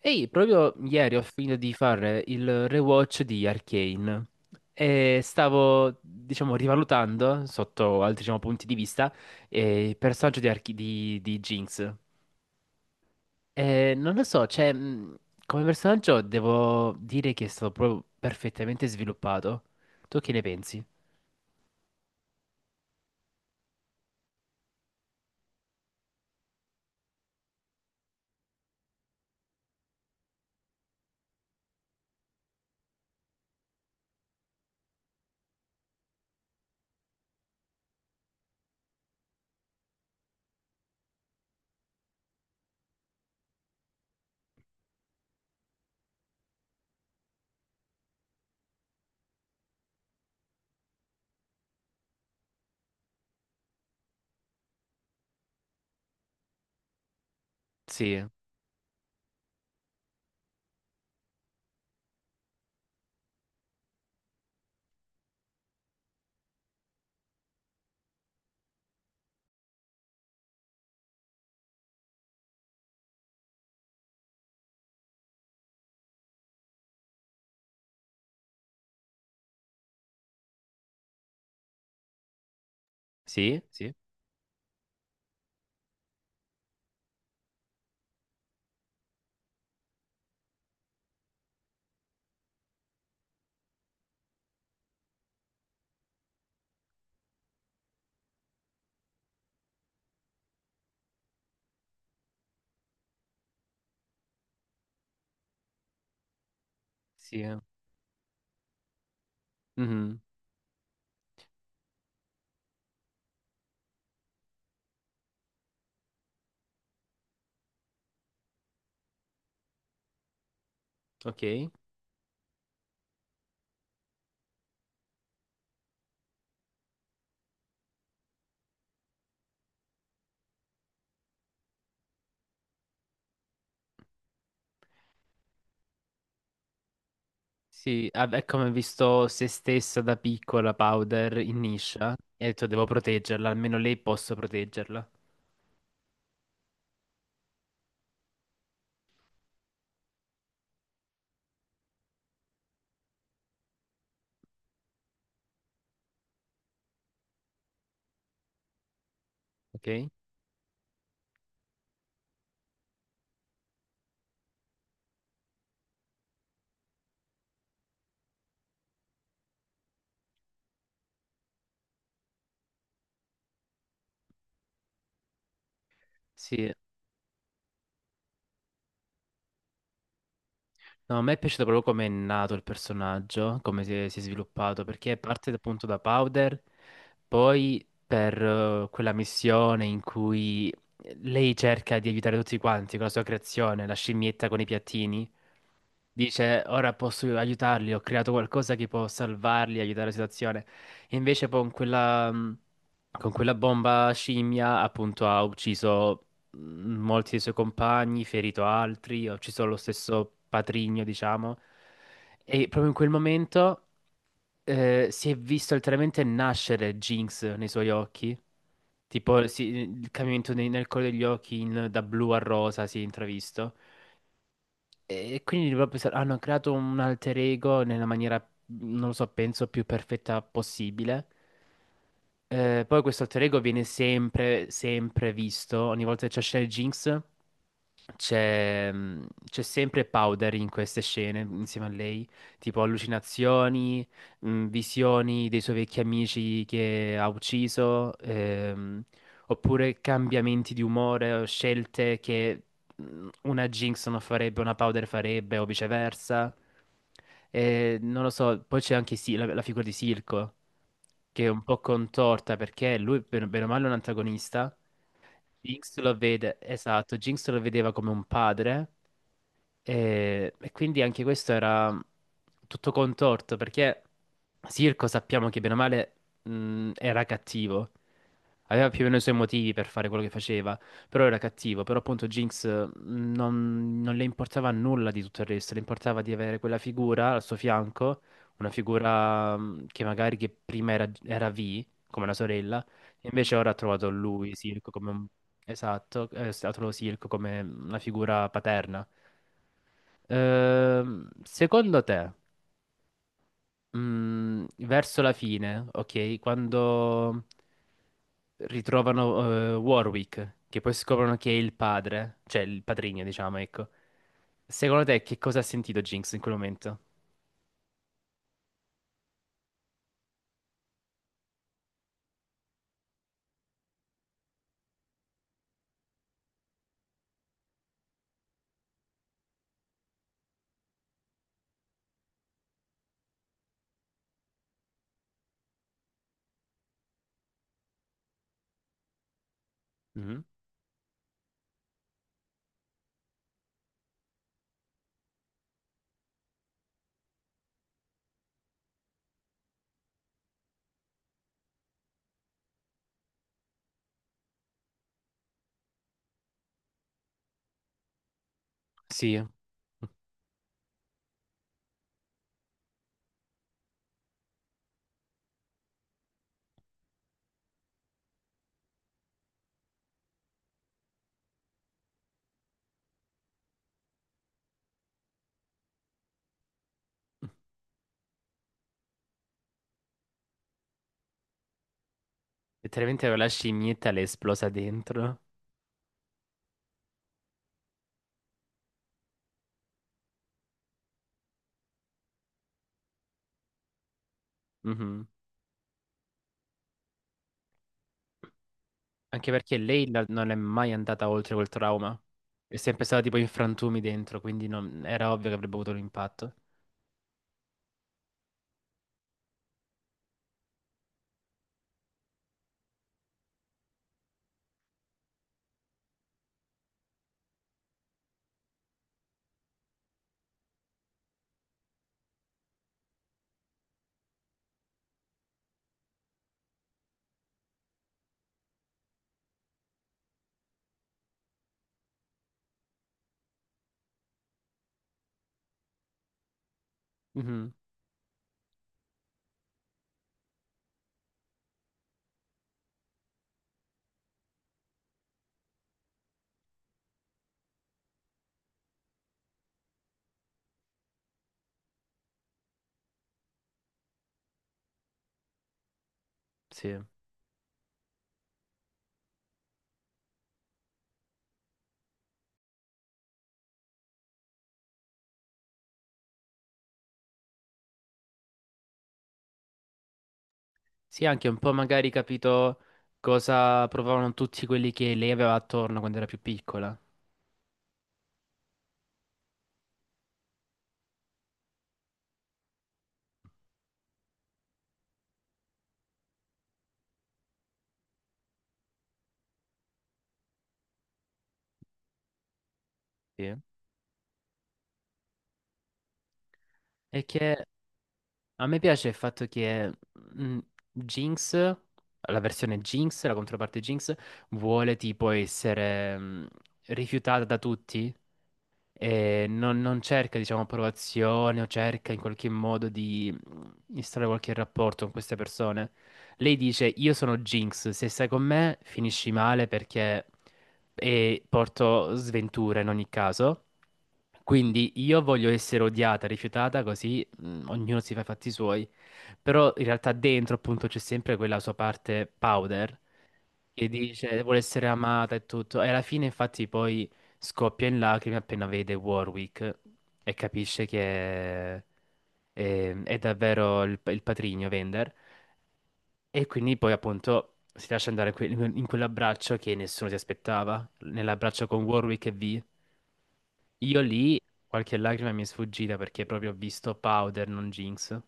Ehi, proprio ieri ho finito di fare il rewatch di Arcane e stavo, diciamo, rivalutando sotto altri, diciamo, punti di vista il personaggio di, di Jinx. E non lo so, cioè, come personaggio devo dire che è stato proprio perfettamente sviluppato. Tu che ne pensi? Sì, sì, sì, sì. Mhm. Ok. Sì, ah, è come ho visto se stessa da piccola Powder in Nisha e ho detto devo proteggerla, almeno lei posso proteggerla, ok? Sì. No, a me è piaciuto proprio come è nato il personaggio, come si è sviluppato, perché parte appunto da Powder, poi per quella missione in cui lei cerca di aiutare tutti quanti con la sua creazione, la scimmietta con i piattini, dice ora posso aiutarli, ho creato qualcosa che può salvarli, aiutare la situazione. E invece poi con quella, con quella bomba scimmia appunto ha ucciso mh, molti dei suoi compagni, ferito altri, ha ucciso lo stesso patrigno, diciamo. E proprio in quel momento si è visto letteralmente nascere Jinx nei suoi occhi. Tipo il cambiamento nel colore degli occhi da blu a rosa si è intravisto. E quindi proprio pensare, hanno creato un alter ego nella maniera, non lo so, penso più perfetta possibile. Poi questo alter ego viene sempre, sempre visto. Ogni volta che c'è scena di Jinx, c'è mm, c'è sempre Powder in queste scene insieme a lei. Tipo allucinazioni, visioni dei suoi vecchi amici che ha ucciso. Oppure cambiamenti di umore o scelte che una Jinx non farebbe, una Powder farebbe o viceversa. E non lo so, poi c'è anche la, la figura di Silco, che è un po' contorta perché lui, bene bene o male, è un antagonista. Jinx lo vede, esatto, Jinx lo vedeva come un padre, e quindi anche questo era tutto contorto perché Sirco sappiamo che bene o male era cattivo, aveva più o meno i suoi motivi per fare quello che faceva, però era cattivo, però appunto Jinx non, non le importava nulla di tutto il resto, le importava di avere quella figura al suo fianco, una figura che magari che prima era, era V, come la sorella, e invece ora ha trovato lui, Sirco, come un... Esatto, ha trovato Silco come una figura paterna. Secondo te, verso la fine, ok, quando ritrovano Warwick, che poi scoprono che è il padre, cioè il padrigno, diciamo, ecco. Secondo te, che cosa ha sentito Jinx in quel momento? Mhm. Sì. Letteralmente la scimmietta le è esplosa dentro. Mhm. Anche perché lei non è mai andata oltre quel trauma. È sempre stata tipo in frantumi dentro, quindi era ovvio che avrebbe avuto un impatto. Mhm. Sì. Sì, anche un po' magari capito cosa provavano tutti quelli che lei aveva attorno quando era più piccola. Sì. E che a me piace il fatto che Jinx, la versione Jinx, la controparte Jinx, vuole tipo essere rifiutata da tutti. E non, non cerca, diciamo, approvazione o cerca in qualche modo di instaurare qualche rapporto con queste persone. Lei dice: Io sono Jinx, se stai con me finisci male perché e porto sventura in ogni caso. Quindi io voglio essere odiata, rifiutata, così ognuno si fa i fatti suoi. Però in realtà dentro appunto c'è sempre quella sua parte powder che dice vuole essere amata e tutto. E alla fine infatti poi scoppia in lacrime appena vede Warwick e capisce che è davvero il patrigno Vender. E quindi poi appunto si lascia andare in quell'abbraccio che nessuno si aspettava, nell'abbraccio con Warwick e V. Io lì qualche lacrima mi è sfuggita perché proprio ho visto powder, non Jinx.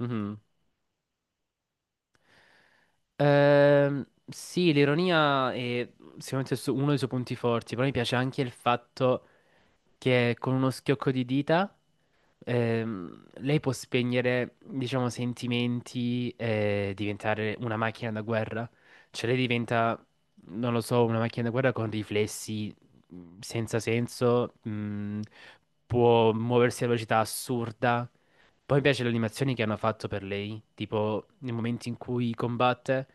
Mhm. Sì, l'ironia è sicuramente uno dei suoi punti forti, però mi piace anche il fatto che con uno schiocco di dita lei può spegnere, diciamo, sentimenti e diventare una macchina da guerra. Cioè lei diventa, non lo so, una macchina da guerra con riflessi senza senso, può muoversi a velocità assurda. Poi mi piace le animazioni che hanno fatto per lei, tipo nei momenti in cui combatte,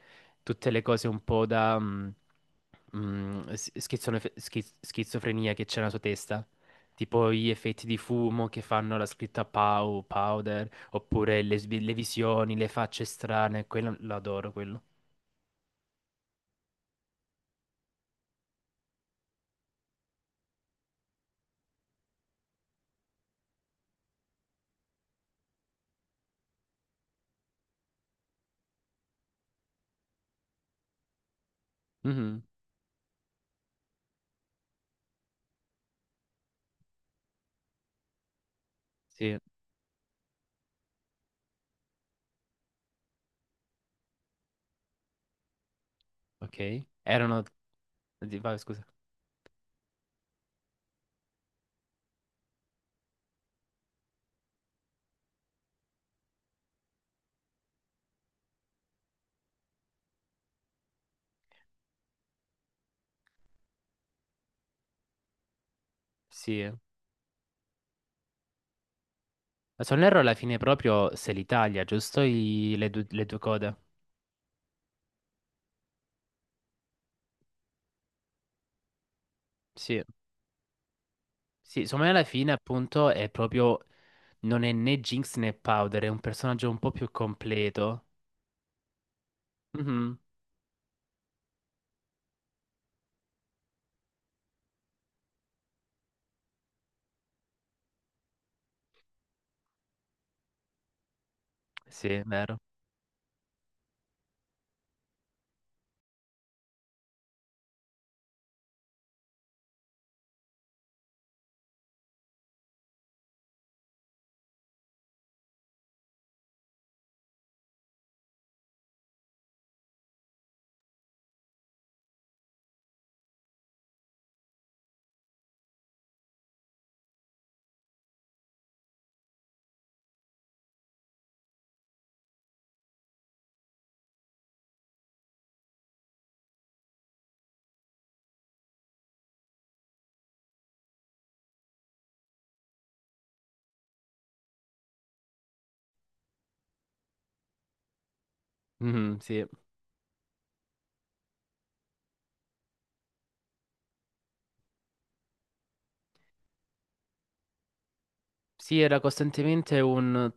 tutte le cose un po' da... schizofrenia che c'è nella sua testa tipo gli effetti di fumo che fanno la scritta Pow, Powder, oppure le, le visioni, le facce strane, quello l'adoro, quello. Mhm. Sì, ok. Erano... Vai, scusa. Sì. Eh. Ma se non erro alla fine proprio se l'Italia, giusto? Due le due code. Sì. Sì, secondo me alla fine appunto è proprio... Non è né Jinx né Powder, è un personaggio un po' più completo. Mhm. Sì, è vero. Mhm, sì. Sì, era costantemente un...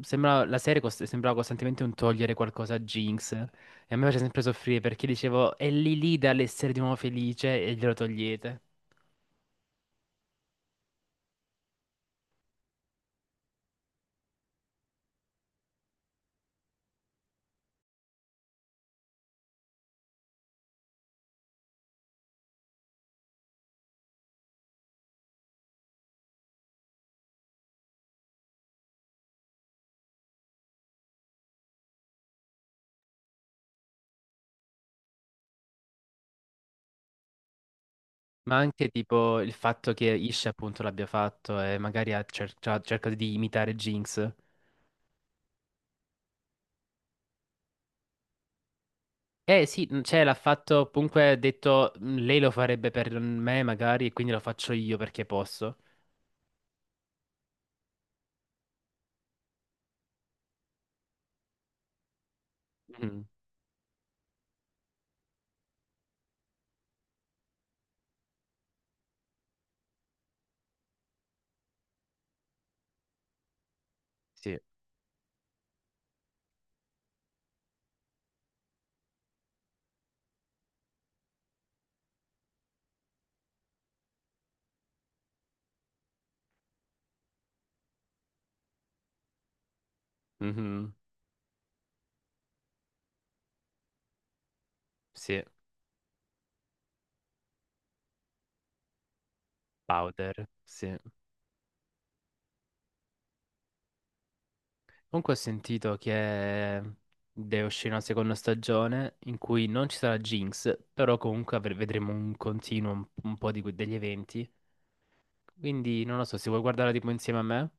sembrava costantemente un togliere qualcosa a Jinx. E a me faceva sempre soffrire perché dicevo, è lì lì dall'essere di nuovo felice e glielo togliete. Ma anche tipo il fatto che Ish appunto l'abbia fatto e magari ha cercato di imitare Jinx. Eh sì, mm, cioè l'ha fatto, comunque ha detto, "Mm, lei lo farebbe per me magari e quindi lo faccio io perché posso." Mhm. Sì. Mhm, sì, powder, sì. Comunque ho sentito che deve uscire una seconda stagione in cui non ci sarà Jinx, però comunque vedremo un continuo un po' di degli eventi. Quindi non lo so, se vuoi guardarla tipo insieme a me.